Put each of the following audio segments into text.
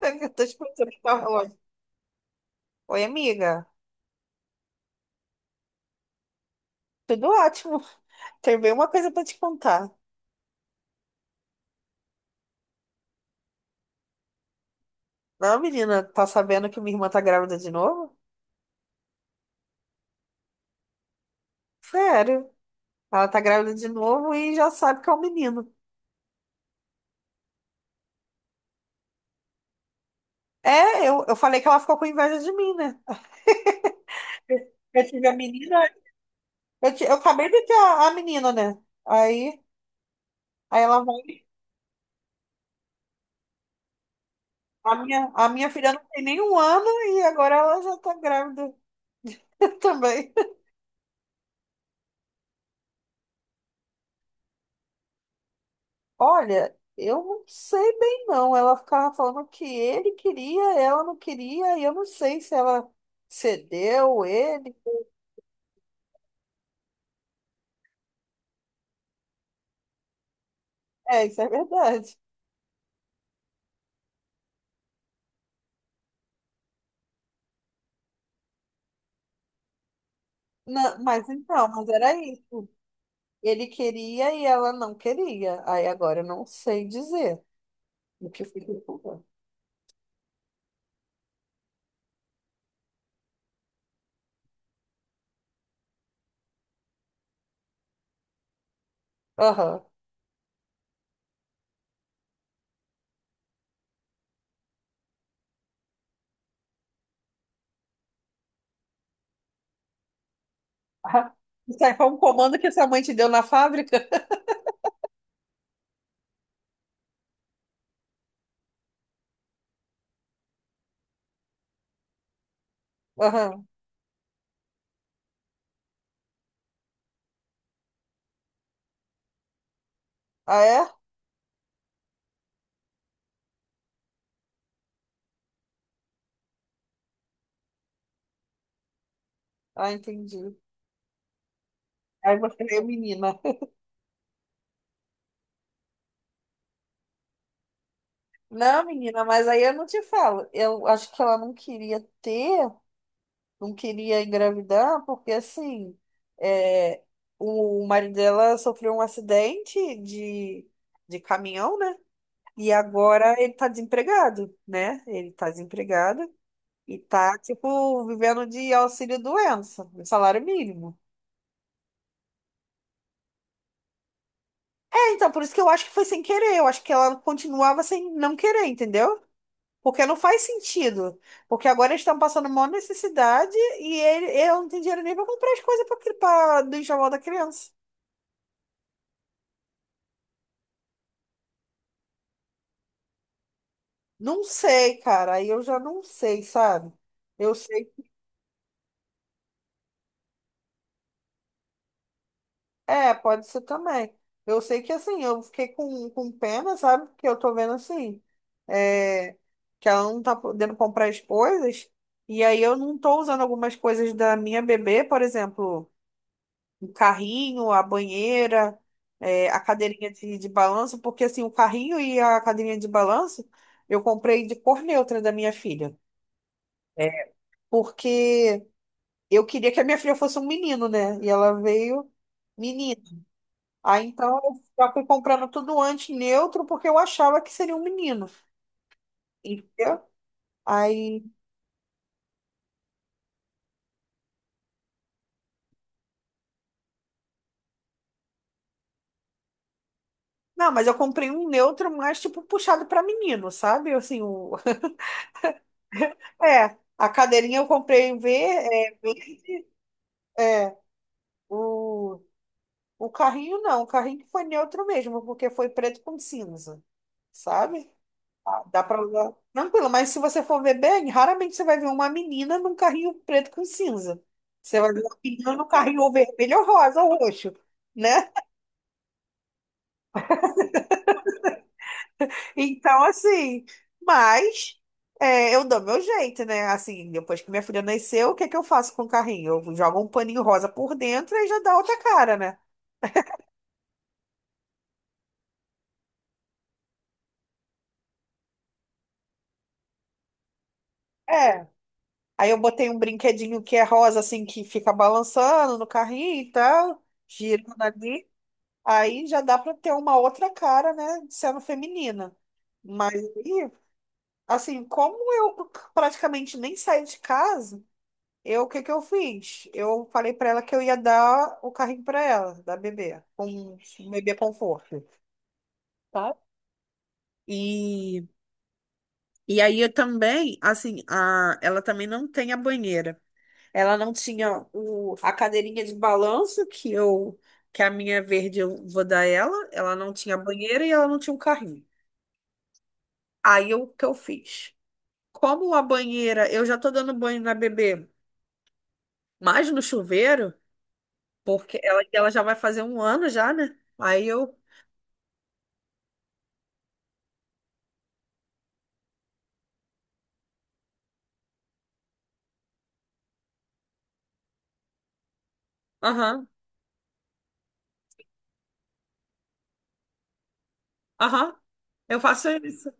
Eu tô te o que tava falando. Oi, amiga. Tudo ótimo. Tem bem uma coisa pra te contar. Não, menina, tá sabendo que minha irmã tá grávida de novo? Sério. Ela tá grávida de novo e já sabe que é um menino. É, eu falei que ela ficou com inveja de mim, né? Eu eu tive a menina. Eu acabei de ter a menina, né? Aí, aí ela vai. A minha filha não tem nem um ano e agora ela já tá grávida também. Olha, eu não sei bem não. Ela ficava falando que ele queria, ela não queria, e eu não sei se ela cedeu ele. É, isso é verdade. Não, mas então, mas era isso. Ele queria e ela não queria. Aí agora eu não sei dizer o que foi que aconteceu. Aham. Ah, isso aí foi um comando que sua mãe te deu na fábrica? Aham. Ah, é? Ah, entendi. Aí você veio menina. Não, menina, mas aí eu não te falo. Eu acho que ela não queria ter, não queria engravidar, porque assim, é, o marido dela sofreu um acidente de caminhão, né? E agora ele tá desempregado, né? Ele tá desempregado e tá, tipo, vivendo de auxílio-doença, de salário mínimo. É, então, por isso que eu acho que foi sem querer. Eu acho que ela continuava sem não querer, entendeu? Porque não faz sentido. Porque agora eles estão passando maior necessidade e ele, eu não tenho dinheiro nem para comprar as coisas para do enxoval da criança. Não sei, cara. Aí eu já não sei, sabe? Eu sei. É, pode ser também. Eu sei que assim, eu fiquei com pena, sabe? Porque eu tô vendo assim, é, que ela não tá podendo comprar as coisas. E aí eu não tô usando algumas coisas da minha bebê, por exemplo. O carrinho, a banheira, a cadeirinha de balanço, porque assim, o carrinho e a cadeirinha de balanço eu comprei de cor neutra da minha filha. É, porque eu queria que a minha filha fosse um menino, né? E ela veio menina. Aí então eu já fui comprando tudo antes neutro, porque eu achava que seria um menino, entendeu? Aí, não, mas eu comprei um neutro mais tipo puxado para menino, sabe? Assim, o... É, a cadeirinha eu comprei em verde, é. O, o carrinho não, o carrinho que foi neutro mesmo, porque foi preto com cinza, sabe? Ah, dá pra usar tranquilo, mas se você for ver bem, raramente você vai ver uma menina num carrinho preto com cinza. Você vai ver uma menina num carrinho ou vermelho ou rosa ou roxo, né? Então, assim, mas é, eu dou meu jeito, né? Assim, depois que minha filha nasceu, o que é que eu faço com o carrinho? Eu jogo um paninho rosa por dentro e já dá outra cara, né? É, aí eu botei um brinquedinho que é rosa, assim, que fica balançando no carrinho e tal, girando ali. Aí já dá para ter uma outra cara, né, sendo feminina. Mas aí, assim, como eu praticamente nem saí de casa, eu, o que que eu fiz? Eu falei para ela que eu ia dar o carrinho para ela, da bebê, com um bebê conforto, tá? E, e aí eu também, assim, a, ela também não tem a banheira. Ela não tinha a cadeirinha de balanço que eu que a minha verde eu vou dar ela. Ela não tinha banheira e ela não tinha um carrinho. Aí o que eu fiz? Como a banheira, eu já tô dando banho na bebê, mas no chuveiro, porque ela já vai fazer um ano já, né? Aí eu, aham, aham, eu faço isso.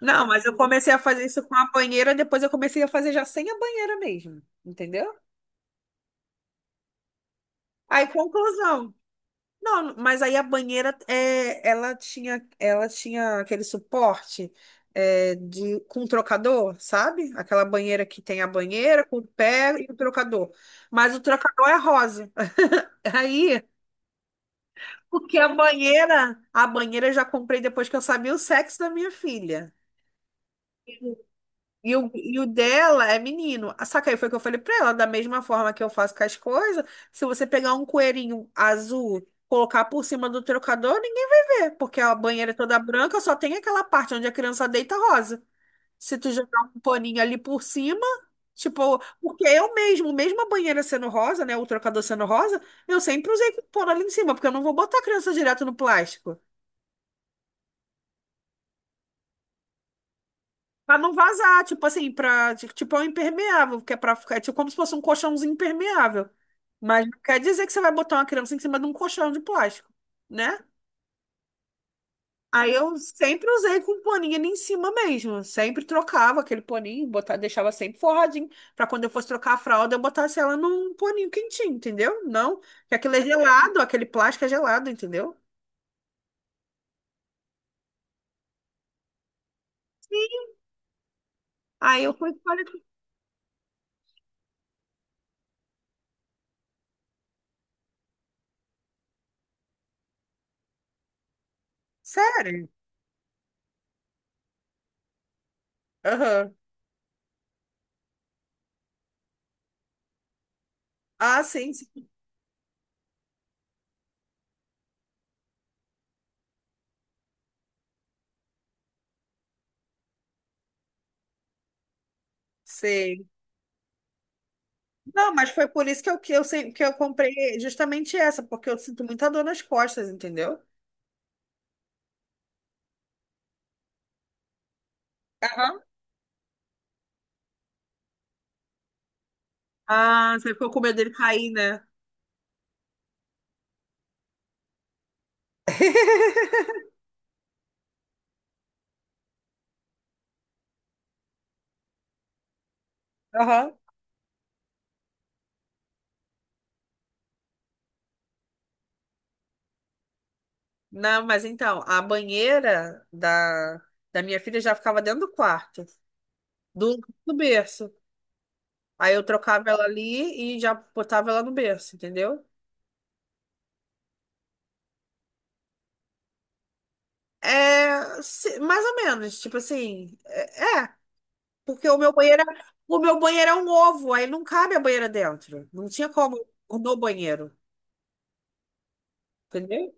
Não, mas eu comecei a fazer isso com a banheira, depois eu comecei a fazer já sem a banheira mesmo, entendeu? Aí, conclusão. Não, mas aí a banheira, é, ela tinha aquele suporte com trocador, sabe? Aquela banheira que tem a banheira com o pé e o trocador. Mas o trocador é rosa. Aí, porque a banheira eu já comprei depois que eu sabia o sexo da minha filha. E o dela é menino. Ah, só que aí foi o que eu falei pra ela, da mesma forma que eu faço com as coisas, se você pegar um coelhinho azul, colocar por cima do trocador, ninguém vai ver, porque a banheira é toda branca, só tem aquela parte onde a criança deita rosa. Se tu jogar um paninho ali por cima, tipo, porque eu mesmo, mesmo a banheira sendo rosa, né, o trocador sendo rosa, eu sempre usei pano ali em cima, porque eu não vou botar a criança direto no plástico. Pra não vazar, tipo assim, pra, tipo, é um impermeável, que é pra ficar, é tipo como se fosse um colchãozinho impermeável. Mas não quer dizer que você vai botar uma criança em cima de um colchão de plástico, né? Aí eu sempre usei com paninho ali em cima mesmo. Sempre trocava aquele paninho, botava, deixava sempre forradinho, pra quando eu fosse trocar a fralda, eu botasse ela num paninho quentinho, entendeu? Não, que aquilo é gelado, aquele plástico é gelado, entendeu? Aí eu fui e falei, sério? Aham. Ah, sim, sim. Sei. Não, mas foi por isso que eu comprei justamente essa, porque eu sinto muita dor nas costas, entendeu? Aham. Ah, você ficou com medo dele cair, né? Aham. Não, mas então, a banheira da minha filha já ficava dentro do quarto, do, do berço. Aí eu trocava ela ali e já botava ela no berço, entendeu? É, se- mais ou menos, tipo assim, é, é. Porque o meu banheiro, é- o meu banheiro é um ovo, aí não cabe a banheira dentro. Não tinha como pôr no banheiro, entendeu?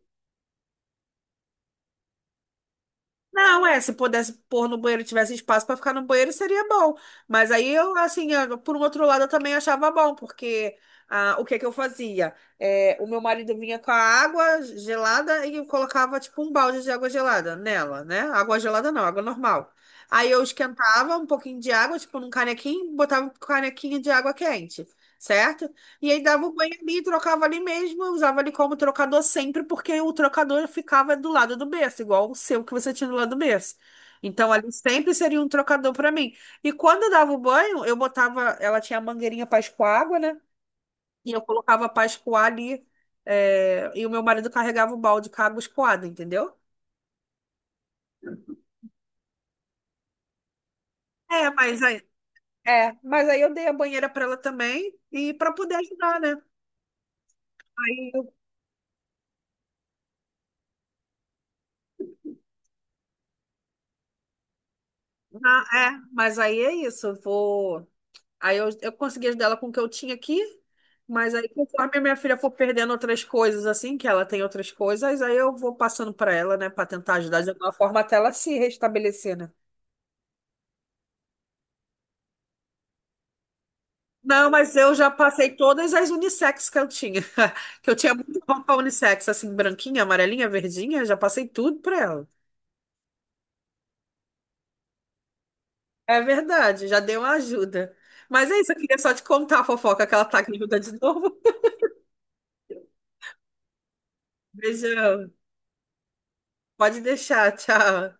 Não, é, se pudesse pôr no banheiro, e tivesse espaço para ficar no banheiro, seria bom. Mas aí eu, assim, eu- por um outro lado, eu também achava bom, porque ah, o que que eu fazia? É, o meu marido vinha com a água gelada e eu colocava, tipo, um balde de água gelada nela, né? Água gelada não, água normal. Aí eu esquentava um pouquinho de água, tipo, num canequinho, botava um canequinho de água quente, certo? E aí dava o banho ali, trocava ali mesmo, eu usava ali como trocador sempre, porque o trocador ficava do lado do berço, igual o seu que você tinha do lado do berço. Então ali sempre seria um trocador para mim. E quando eu dava o banho, eu botava, ela tinha a mangueirinha para escoar água, né? E eu colocava para escoar ali, e o meu marido carregava o balde com a água escoada, entendeu? É, mas aí, é, mas aí eu dei a banheira para ela também e para poder ajudar, né? Aí, eu- na- é, mas aí é isso, eu vou Aí eu consegui ajudar ela com o que eu tinha aqui, mas aí conforme a minha filha for perdendo outras coisas, assim, que ela tem outras coisas, aí eu vou passando para ela, né, para tentar ajudar de alguma forma até ela se restabelecer, né? Não, mas eu já passei todas as unissex que eu tinha. Que eu tinha muita roupa unissex, assim, branquinha, amarelinha, verdinha, já passei tudo para ela. É verdade, já deu uma ajuda. Mas é isso, eu queria só te contar a fofoca que ela tá aqui ajuda de novo. Beijão. Pode deixar, tchau.